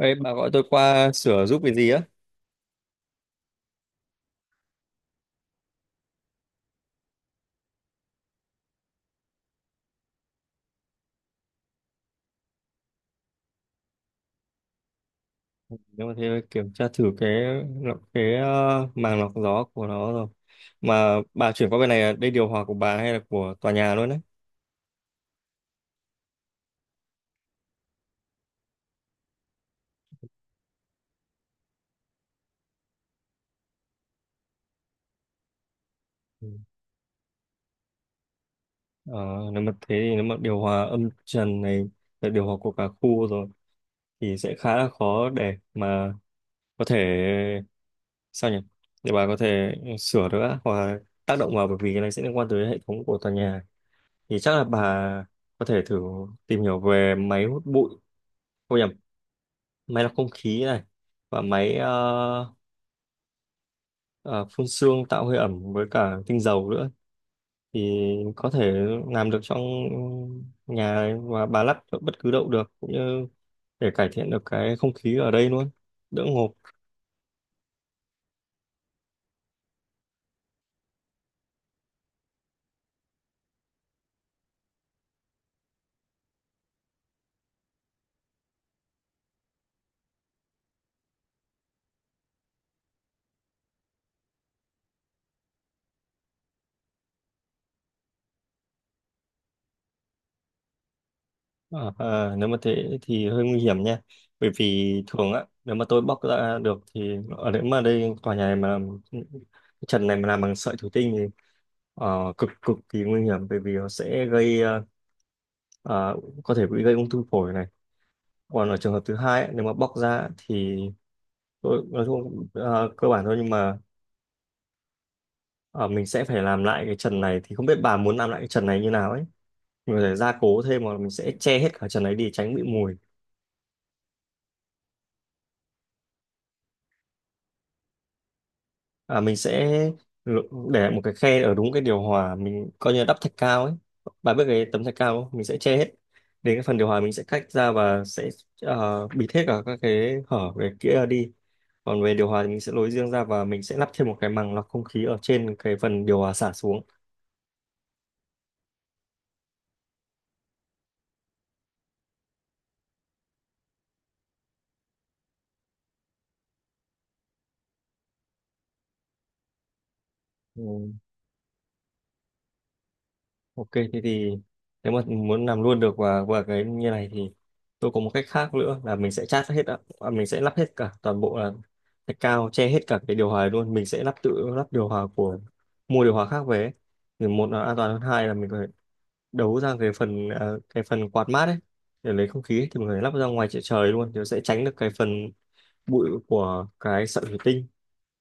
Ê, bà gọi tôi qua sửa giúp cái gì á? Nhưng mà thế phải kiểm tra thử cái màng lọc gió của nó rồi. Mà bà chuyển qua bên này là đây điều hòa của bà hay là của tòa nhà luôn đấy? Ừ. Ờ, Nếu mà thế thì nếu mà điều hòa âm trần này là điều hòa của cả khu rồi thì sẽ khá là khó để mà có thể sao nhỉ? Để bà có thể sửa được á, hoặc là tác động vào, bởi vì cái này sẽ liên quan tới hệ thống của tòa nhà. Thì chắc là bà có thể thử tìm hiểu về máy hút bụi, không nhầm, máy lọc không khí này, và máy ờ, phun sương tạo hơi ẩm với cả tinh dầu nữa, thì có thể làm được trong nhà và bà lắp ở bất cứ đâu được, cũng như để cải thiện được cái không khí ở đây luôn, đỡ ngộp. Nếu mà thế thì hơi nguy hiểm nha, bởi vì thường á, nếu mà tôi bóc ra được thì, ở, nếu mà đây tòa nhà này mà trần này mà làm bằng sợi thủy tinh thì cực cực kỳ nguy hiểm, bởi vì nó sẽ gây ờ, à, có thể bị gây ung thư phổi này. Còn ở trường hợp thứ hai ấy, nếu mà bóc ra thì tôi nói chung à, cơ bản thôi, nhưng mà à, mình sẽ phải làm lại cái trần này, thì không biết bà muốn làm lại cái trần này như nào ấy. Mình có thể gia cố thêm, hoặc là mình sẽ che hết cả trần ấy đi tránh bị mùi. À, mình sẽ l- để một cái khe ở đúng cái điều hòa, mình coi như là đắp thạch cao ấy. Bà biết cái tấm thạch cao không? Mình sẽ che hết, đến cái phần điều hòa mình sẽ cách ra và sẽ à, bịt hết cả các cái hở về kia đi. Còn về điều hòa thì mình sẽ lối riêng ra, và mình sẽ lắp thêm một cái màng lọc không khí ở trên cái phần điều hòa xả xuống. Ừ. Ok, thế thì nếu mà muốn làm luôn được và cái như này thì tôi có một cách khác nữa, là mình sẽ chát hết ạ, à, mình sẽ lắp hết cả toàn bộ là cái cao che hết cả cái điều hòa luôn, mình sẽ tự lắp điều hòa của, mua điều hòa khác về ấy. Thì một là an toàn hơn, hai là mình phải đấu ra cái phần quạt mát ấy, để lấy không khí ấy, thì mình phải lắp ra ngoài trời trời luôn, thì nó sẽ tránh được cái phần bụi của cái sợi thủy tinh,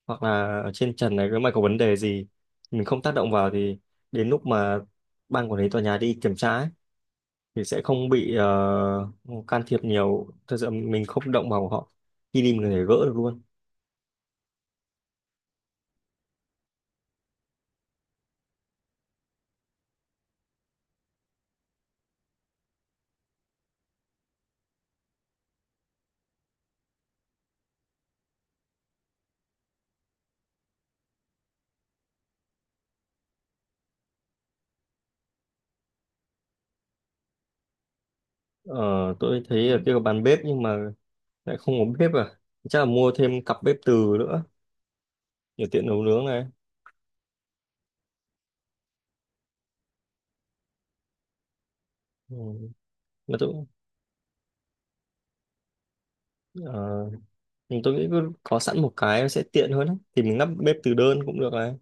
hoặc là ở trên trần này nếu mà có vấn đề gì mình không tác động vào thì đến lúc mà ban quản lý tòa nhà đi kiểm tra ấy, thì sẽ không bị can thiệp nhiều. Thật sự mình không động vào của họ, khi đi mình có thể gỡ được luôn. Ờ, tôi thấy ở kia có bàn bếp nhưng mà lại không có bếp à, chắc là mua thêm cặp bếp từ nữa để tiện nấu nướng này. Ừ. mà tôi ờ, nhưng tôi nghĩ cứ có sẵn một cái sẽ tiện hơn ấy. Thì mình lắp bếp từ đơn cũng được này.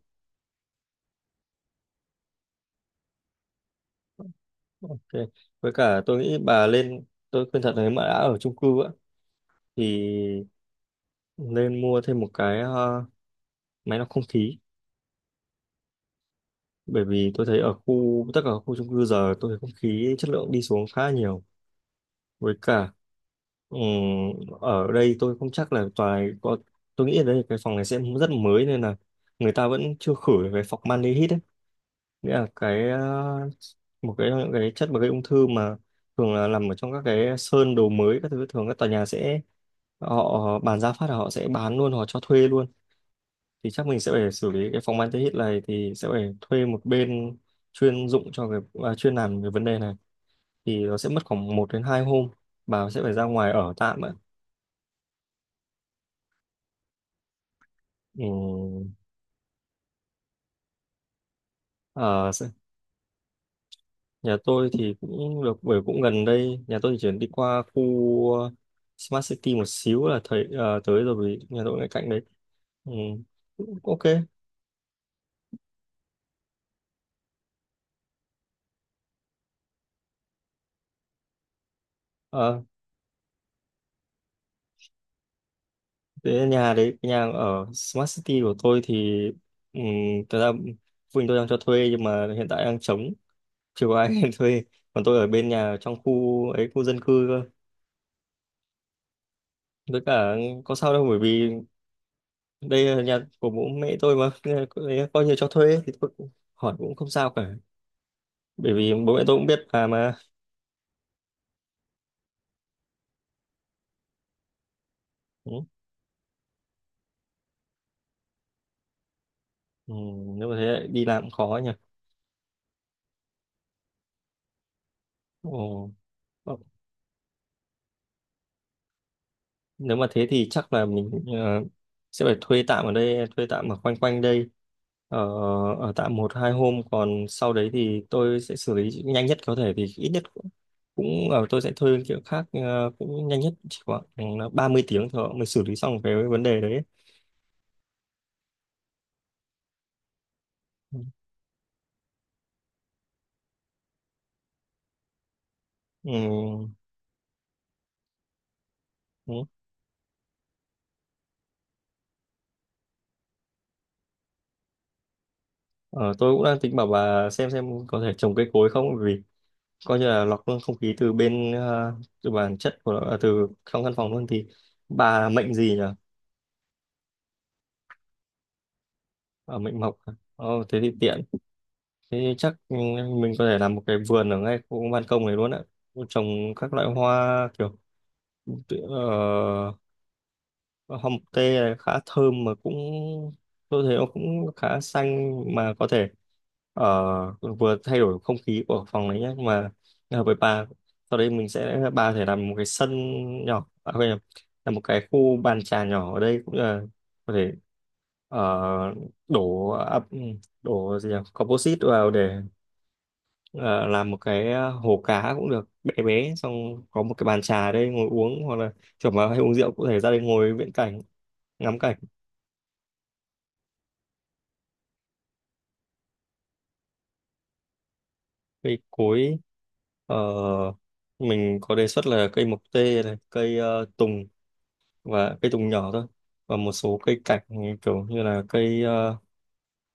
Ok. Với cả tôi nghĩ bà lên, tôi khuyên thật, nếu mà đã ở chung cư á thì nên mua thêm một cái máy lọc không khí, bởi vì tôi thấy ở khu, tất cả các khu chung cư giờ tôi thấy không khí chất lượng đi xuống khá là nhiều. Với cả ừm, ở đây tôi không chắc là tòa này có, tôi nghĩ ở đây cái phòng này sẽ rất mới, nên là người ta vẫn chưa khử được cái formaldehyde ấy. Nghĩa là một cái, những cái chất mà gây ung thư, mà thường là nằm ở trong các cái sơn đồ mới các thứ. Thường các tòa nhà sẽ, họ bán giá phát là họ sẽ bán luôn, họ cho thuê luôn. Thì chắc mình sẽ phải xử lý cái phòng anti-hit này, thì sẽ phải thuê một bên chuyên dụng cho cái, à, chuyên làm về vấn đề này, thì nó sẽ mất khoảng 1 đến 2 hôm, bà sẽ phải ra ngoài ở tạm ạ. Ừ. Nhà tôi thì cũng được, bởi cũng gần đây, nhà tôi thì chuyển đi qua khu Smart City một xíu là thấy tới rồi, vì nhà tôi ngay cạnh đấy. Ừ. Cũng ok. Ờ, thế nhà đấy, nhà ở Smart City của tôi thì um, thật ra phụ huynh tôi đang cho thuê, nhưng mà hiện tại đang trống, chưa có ai thuê. Còn tôi ở bên nhà trong khu ấy, khu dân cư cơ. Với cả có sao đâu, bởi vì đây là nhà của bố mẹ tôi mà, nên là coi coi như cho thuê thì tôi cũng hỏi cũng không sao cả. Bởi vì bố mẹ tôi cũng biết làm mà. Ừ. Ừ. Nếu mà thế lại đi làm cũng khó nhỉ. Ồ. Ờ, nếu mà thế thì chắc là mình sẽ phải thuê tạm ở đây, thuê tạm ở quanh quanh đây, ở ở tạm một hai hôm, còn sau đấy thì tôi sẽ xử lý nhanh nhất có thể, thì ít nhất cũng cũng ở tôi sẽ thuê kiểu khác, cũng nhanh nhất chỉ khoảng 30 tiếng thôi mình xử lý xong cái vấn đề đấy. Ừ. Ừ. Ừ. Ờ, tôi cũng đang tính bảo bà xem có thể trồng cây cối không, vì coi như là lọc không khí từ bản chất của nó, à, từ trong căn phòng luôn. Thì bà mệnh gì nhỉ? À, mệnh mộc à? Ồ, thế thì tiện. Thế thì chắc ừ, mình có thể làm một cái vườn ở ngay khu ban công này luôn á, trồng các loại hoa kiểu tự- ờ, hồng tê này khá thơm, mà cũng tôi thấy nó cũng khá xanh, mà có thể vừa thay đổi không khí của phòng đấy nhé, mà hợp với bà. Sau đây mình sẽ, bà có thể làm một cái sân nhỏ, à, quên nhầm, là một cái khu bàn trà nhỏ ở đây, cũng là có thể ờ, đổ ập, đổ gì nhỉ, composite vào để ờ, làm một cái hồ cá cũng được, bé bé, xong có một cái bàn trà ở đây ngồi uống, hoặc là chuẩn mà, hay uống rượu cũng có thể ra đây ngồi viễn cảnh, ngắm cảnh. Cây cối, ờ, mình có đề xuất là cây mộc tê này, cây tùng, và cây tùng nhỏ thôi, và một số cây cảnh kiểu như là cây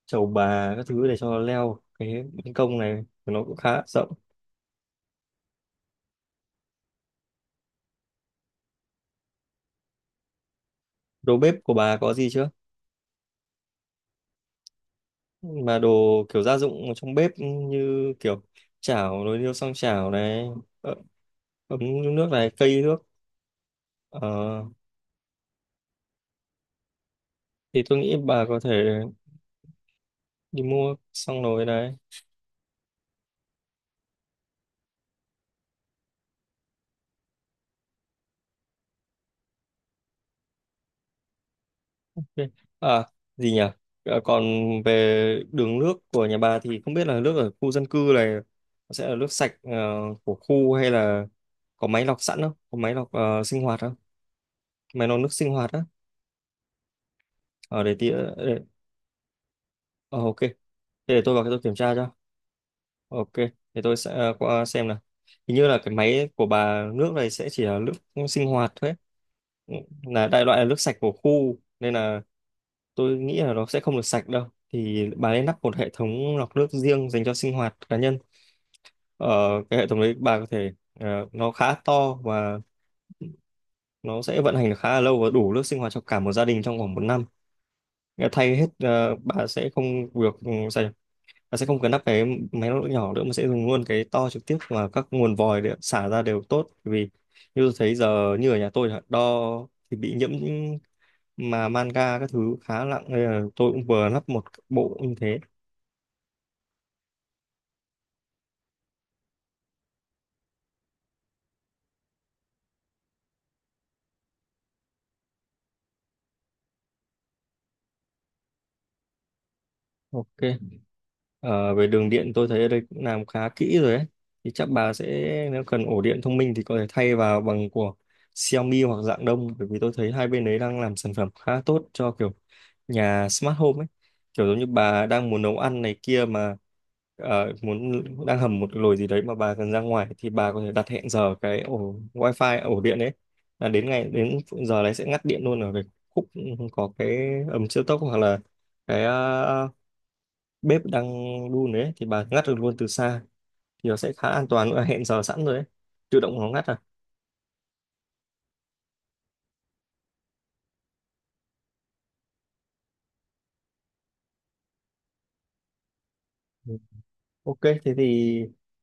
trầu bà các thứ để cho leo, cái ban công này nó cũng khá rộng. Đồ bếp của bà có gì chưa, mà đồ kiểu gia dụng ở trong bếp như kiểu chảo, nồi niêu xoong chảo này, ờ, ấm nước này, cây nước. Ờ, thì tôi nghĩ bà có thể đi mua xong rồi này. Ok. À, gì nhỉ? À, còn về đường nước của nhà bà, thì không biết là nước ở khu dân cư này nó sẽ là nước sạch của khu, hay là có máy lọc sẵn không? Có máy lọc sinh hoạt không? Máy lọc nước sinh hoạt á? Ở để tí ok. Thế để tôi vào cái tôi kiểm tra cho. Ok. Để tôi sẽ qua xem nào. Hình như là cái máy của bà, nước này sẽ chỉ là nước sinh hoạt thôi ấy. Là đại loại là nước sạch của khu, nên là tôi nghĩ là nó sẽ không được sạch đâu. Thì bà nên lắp một hệ thống lọc nước riêng dành cho sinh hoạt cá nhân. ờ, cái hệ thống đấy bà có thể, nó khá to, và nó sẽ vận hành được khá là lâu, và đủ nước sinh hoạt cho cả một gia đình trong vòng một năm. Nghĩa là thay hết, bà sẽ không được, ừ, sao nhỉ? Bà sẽ không cần lắp cái máy lọc nước nhỏ nữa mà sẽ dùng luôn cái to, trực tiếp và các nguồn vòi để xả ra đều tốt. Bởi vì như tôi thấy giờ, như ở nhà tôi chẳng hạn, đo thì bị nhiễm mà manga các thứ khá nặng, nên là tôi cũng vừa lắp một bộ như thế. Ok. Ờ, về đường điện tôi thấy ở đây cũng làm khá kỹ rồi ấy. Thì chắc bà sẽ, nếu cần ổ điện thông minh thì có thể thay vào bằng của Xiaomi hoặc dạng đông, bởi vì tôi thấy hai bên đấy đang làm sản phẩm khá tốt cho kiểu nhà smart home ấy. Kiểu giống như bà đang muốn nấu ăn này kia mà, muốn, đang hầm một nồi gì đấy mà bà cần ra ngoài, thì bà có thể đặt hẹn giờ cái ổ wifi, ổ điện đấy, là đến ngày đến giờ đấy sẽ ngắt điện luôn ở cái khúc có cái ấm siêu tốc, hoặc là cái bếp đang đun đấy, thì bà ngắt được luôn từ xa, thì nó sẽ khá an toàn nữa, hẹn giờ sẵn rồi đấy tự động nó ngắt à. Ừ. Ok thế thì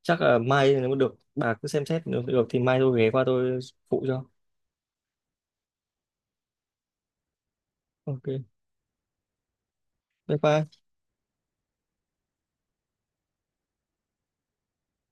chắc là mai nếu mà được, bà cứ xem xét, nếu được thì mai tôi ghé qua tôi phụ cho. Ok, bye bye.